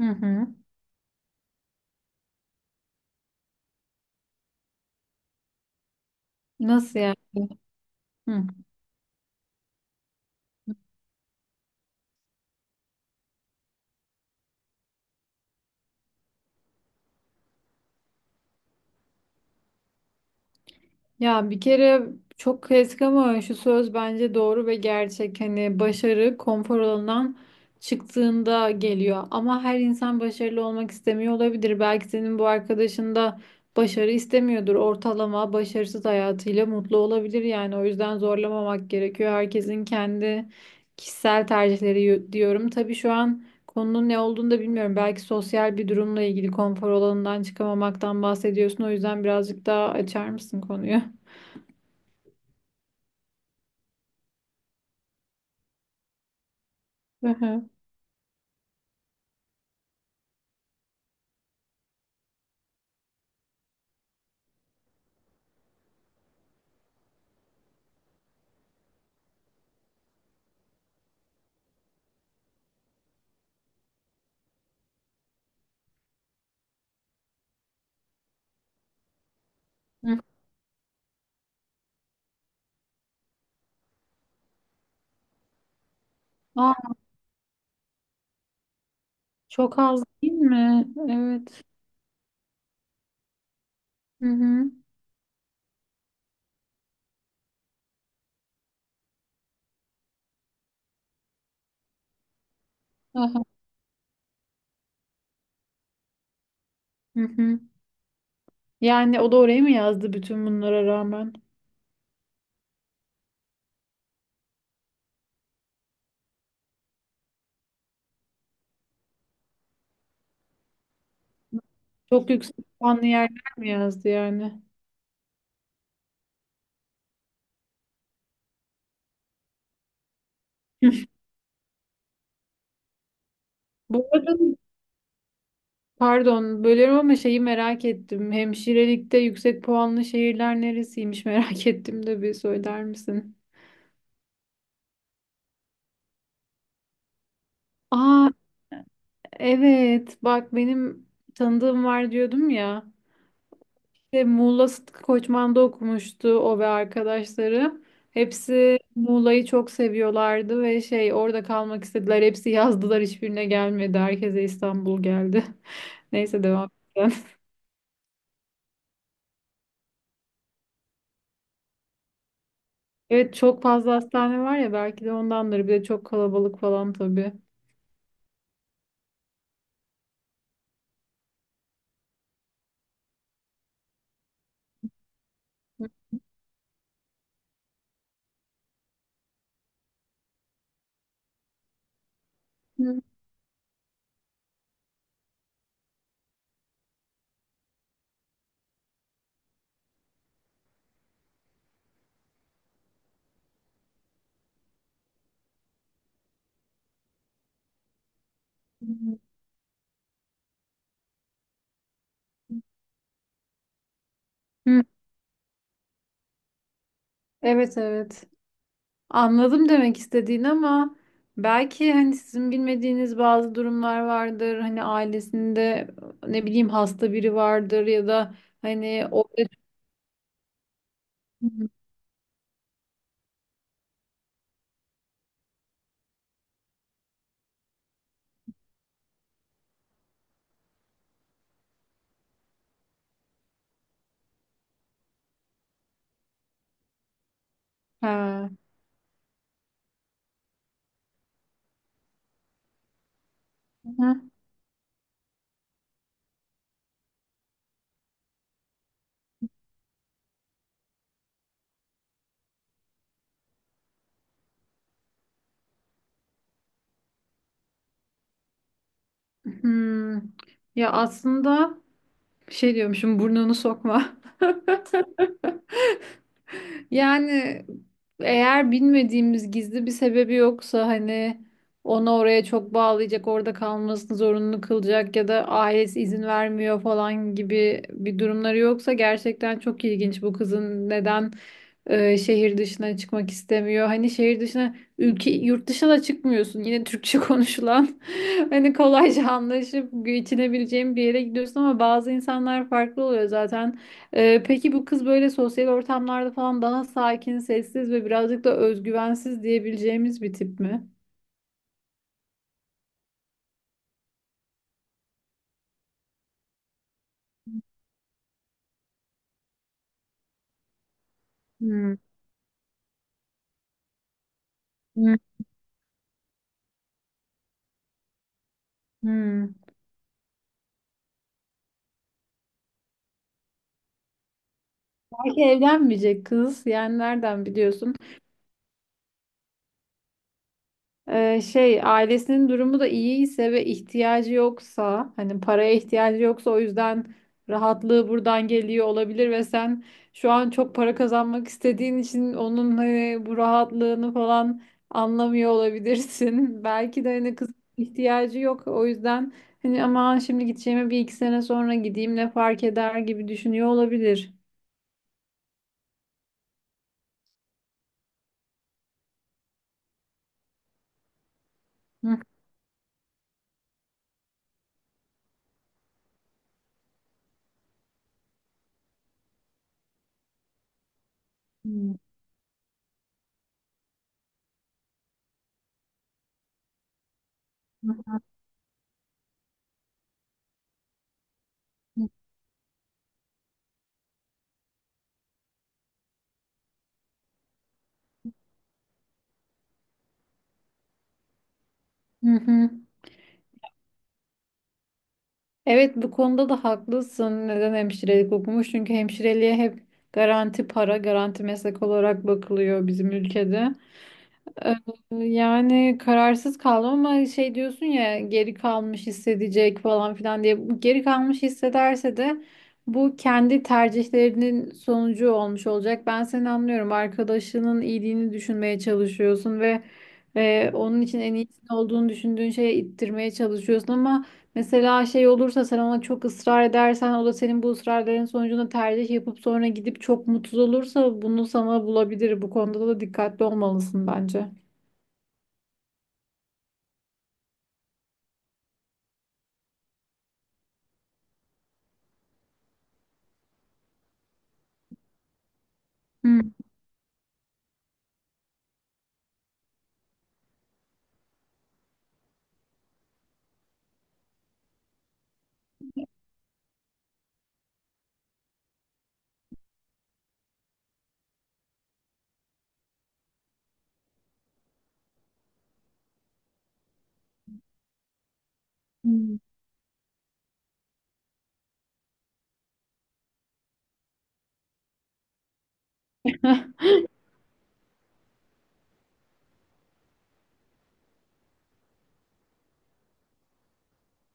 Hı hı. Nasıl yani? Hı. Ya bir kere çok klasik ama şu söz bence doğru ve gerçek. Hani başarı konfor alanından çıktığında geliyor. Ama her insan başarılı olmak istemiyor olabilir. Belki senin bu arkadaşın da başarı istemiyordur. Ortalama başarısız hayatıyla mutlu olabilir yani. O yüzden zorlamamak gerekiyor. Herkesin kendi kişisel tercihleri diyorum. Tabii şu an konunun ne olduğunu da bilmiyorum. Belki sosyal bir durumla ilgili konfor alanından çıkamamaktan bahsediyorsun. O yüzden birazcık daha açar mısın konuyu? Hı hı. Hı. Aa, çok az değil mi? Evet. Hı hı. Aha. Hı hı. Yani o da oraya mı yazdı bütün bunlara rağmen? Çok yüksek puanlı yerler mi yazdı yani? Bu arada pardon bölüyorum ama şeyi merak ettim. Hemşirelikte yüksek puanlı şehirler neresiymiş merak ettim de bir söyler misin? Aa, evet bak benim tanıdığım var diyordum ya. İşte Muğla Sıtkı Koçman'da okumuştu o ve arkadaşları. Hepsi Muğla'yı çok seviyorlardı ve şey orada kalmak istediler. Hepsi yazdılar, hiçbirine gelmedi. Herkese İstanbul geldi. Neyse devam edelim. Evet, çok fazla hastane var ya, belki de ondandır. Bir de çok kalabalık falan tabii. Hı. Hı. Evet, evet. Anladım demek istediğini ama belki hani sizin bilmediğiniz bazı durumlar vardır. Hani ailesinde ne bileyim hasta biri vardır ya da hani o ha. Hı. Hmm. Ya aslında şey diyormuşum, burnunu sokma. Yani eğer bilmediğimiz gizli bir sebebi yoksa, hani onu oraya çok bağlayacak, orada kalmasını zorunlu kılacak ya da ailesi izin vermiyor falan gibi bir durumları yoksa, gerçekten çok ilginç bu kızın neden şehir dışına çıkmak istemiyor. Hani şehir dışına, ülke yurt dışına da çıkmıyorsun. Yine Türkçe konuşulan hani kolayca anlaşıp geçinebileceğin bir yere gidiyorsun, ama bazı insanlar farklı oluyor zaten. Peki bu kız böyle sosyal ortamlarda falan daha sakin, sessiz ve birazcık da özgüvensiz diyebileceğimiz bir tip mi? Hmm. Hmm. Hmm. Belki evlenmeyecek kız. Yani nereden biliyorsun? Şey, ailesinin durumu da iyiyse ve ihtiyacı yoksa, hani paraya ihtiyacı yoksa, o yüzden rahatlığı buradan geliyor olabilir ve sen şu an çok para kazanmak istediğin için onun hani bu rahatlığını falan anlamıyor olabilirsin. Belki de hani kız ihtiyacı yok, o yüzden hani aman şimdi gideceğime bir iki sene sonra gideyim, ne fark eder gibi düşünüyor olabilir. Hı hı. Hı hı. Hı hı. Evet, bu konuda da haklısın. Neden hemşirelik okumuş? Çünkü hemşireliğe hep garanti para, garanti meslek olarak bakılıyor bizim ülkede. Ee, Yani kararsız kaldım ama şey diyorsun ya, geri kalmış hissedecek falan filan diye. Bu geri kalmış hissederse de bu kendi tercihlerinin sonucu olmuş olacak. Ben seni anlıyorum. Arkadaşının iyiliğini düşünmeye çalışıyorsun ve onun için en iyisinin olduğunu düşündüğün şeye ittirmeye çalışıyorsun, ama mesela şey olursa, sen ona çok ısrar edersen, o da senin bu ısrarların sonucunda tercih yapıp sonra gidip çok mutsuz olursa bunu sana bulabilir. Bu konuda da dikkatli olmalısın bence. Hmm. Hmm.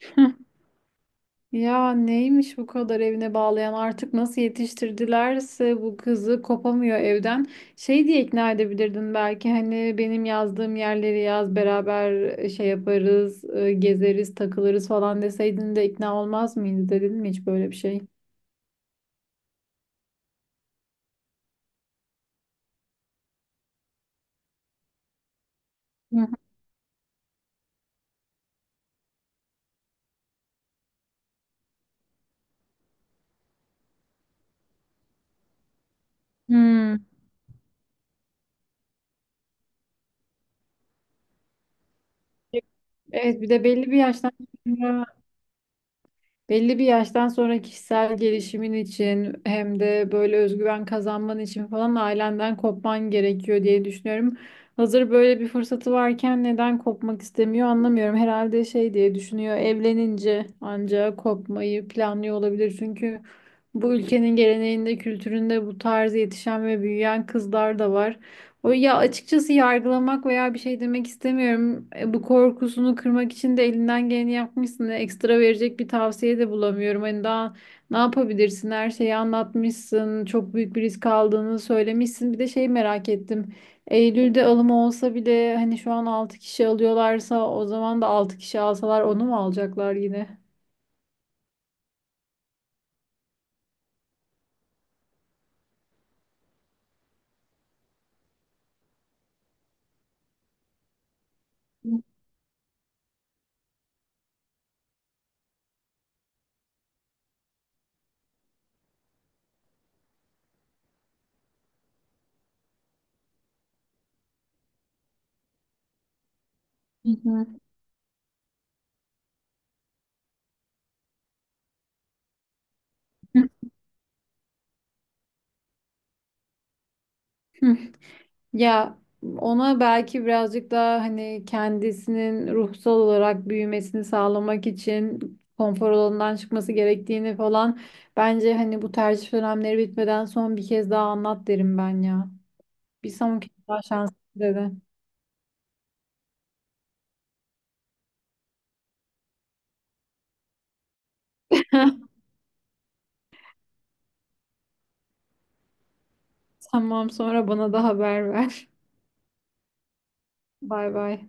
Ya neymiş bu kadar evine bağlayan, artık nasıl yetiştirdilerse bu kızı, kopamıyor evden. Şey diye ikna edebilirdin belki, hani benim yazdığım yerleri yaz beraber, şey yaparız, gezeriz takılırız falan deseydin de ikna olmaz mıydı, dedin mi hiç böyle bir şey? Hı hı. Hmm. Evet, bir de sonra belli bir yaştan sonra kişisel gelişimin için hem de böyle özgüven kazanman için falan ailenden kopman gerekiyor diye düşünüyorum. Hazır böyle bir fırsatı varken neden kopmak istemiyor anlamıyorum. Herhalde şey diye düşünüyor, evlenince ancak kopmayı planlıyor olabilir. Çünkü bu ülkenin geleneğinde, kültüründe bu tarz yetişen ve büyüyen kızlar da var. O ya, açıkçası yargılamak veya bir şey demek istemiyorum. Bu korkusunu kırmak için de elinden geleni yapmışsın. Ekstra verecek bir tavsiye de bulamıyorum. Hani daha ne yapabilirsin? Her şeyi anlatmışsın. Çok büyük bir risk aldığını söylemişsin. Bir de şey merak ettim. Eylül'de alımı olsa bile, hani şu an 6 kişi alıyorlarsa, o zaman da 6 kişi alsalar onu mu alacaklar yine? Hı hı. Ya ona belki birazcık daha hani kendisinin ruhsal olarak büyümesini sağlamak için konfor alanından çıkması gerektiğini falan, bence hani bu tercih dönemleri bitmeden son bir kez daha anlat derim ben ya. Bir son kez daha şans dedi. Tamam, sonra bana da haber ver. Bay bay.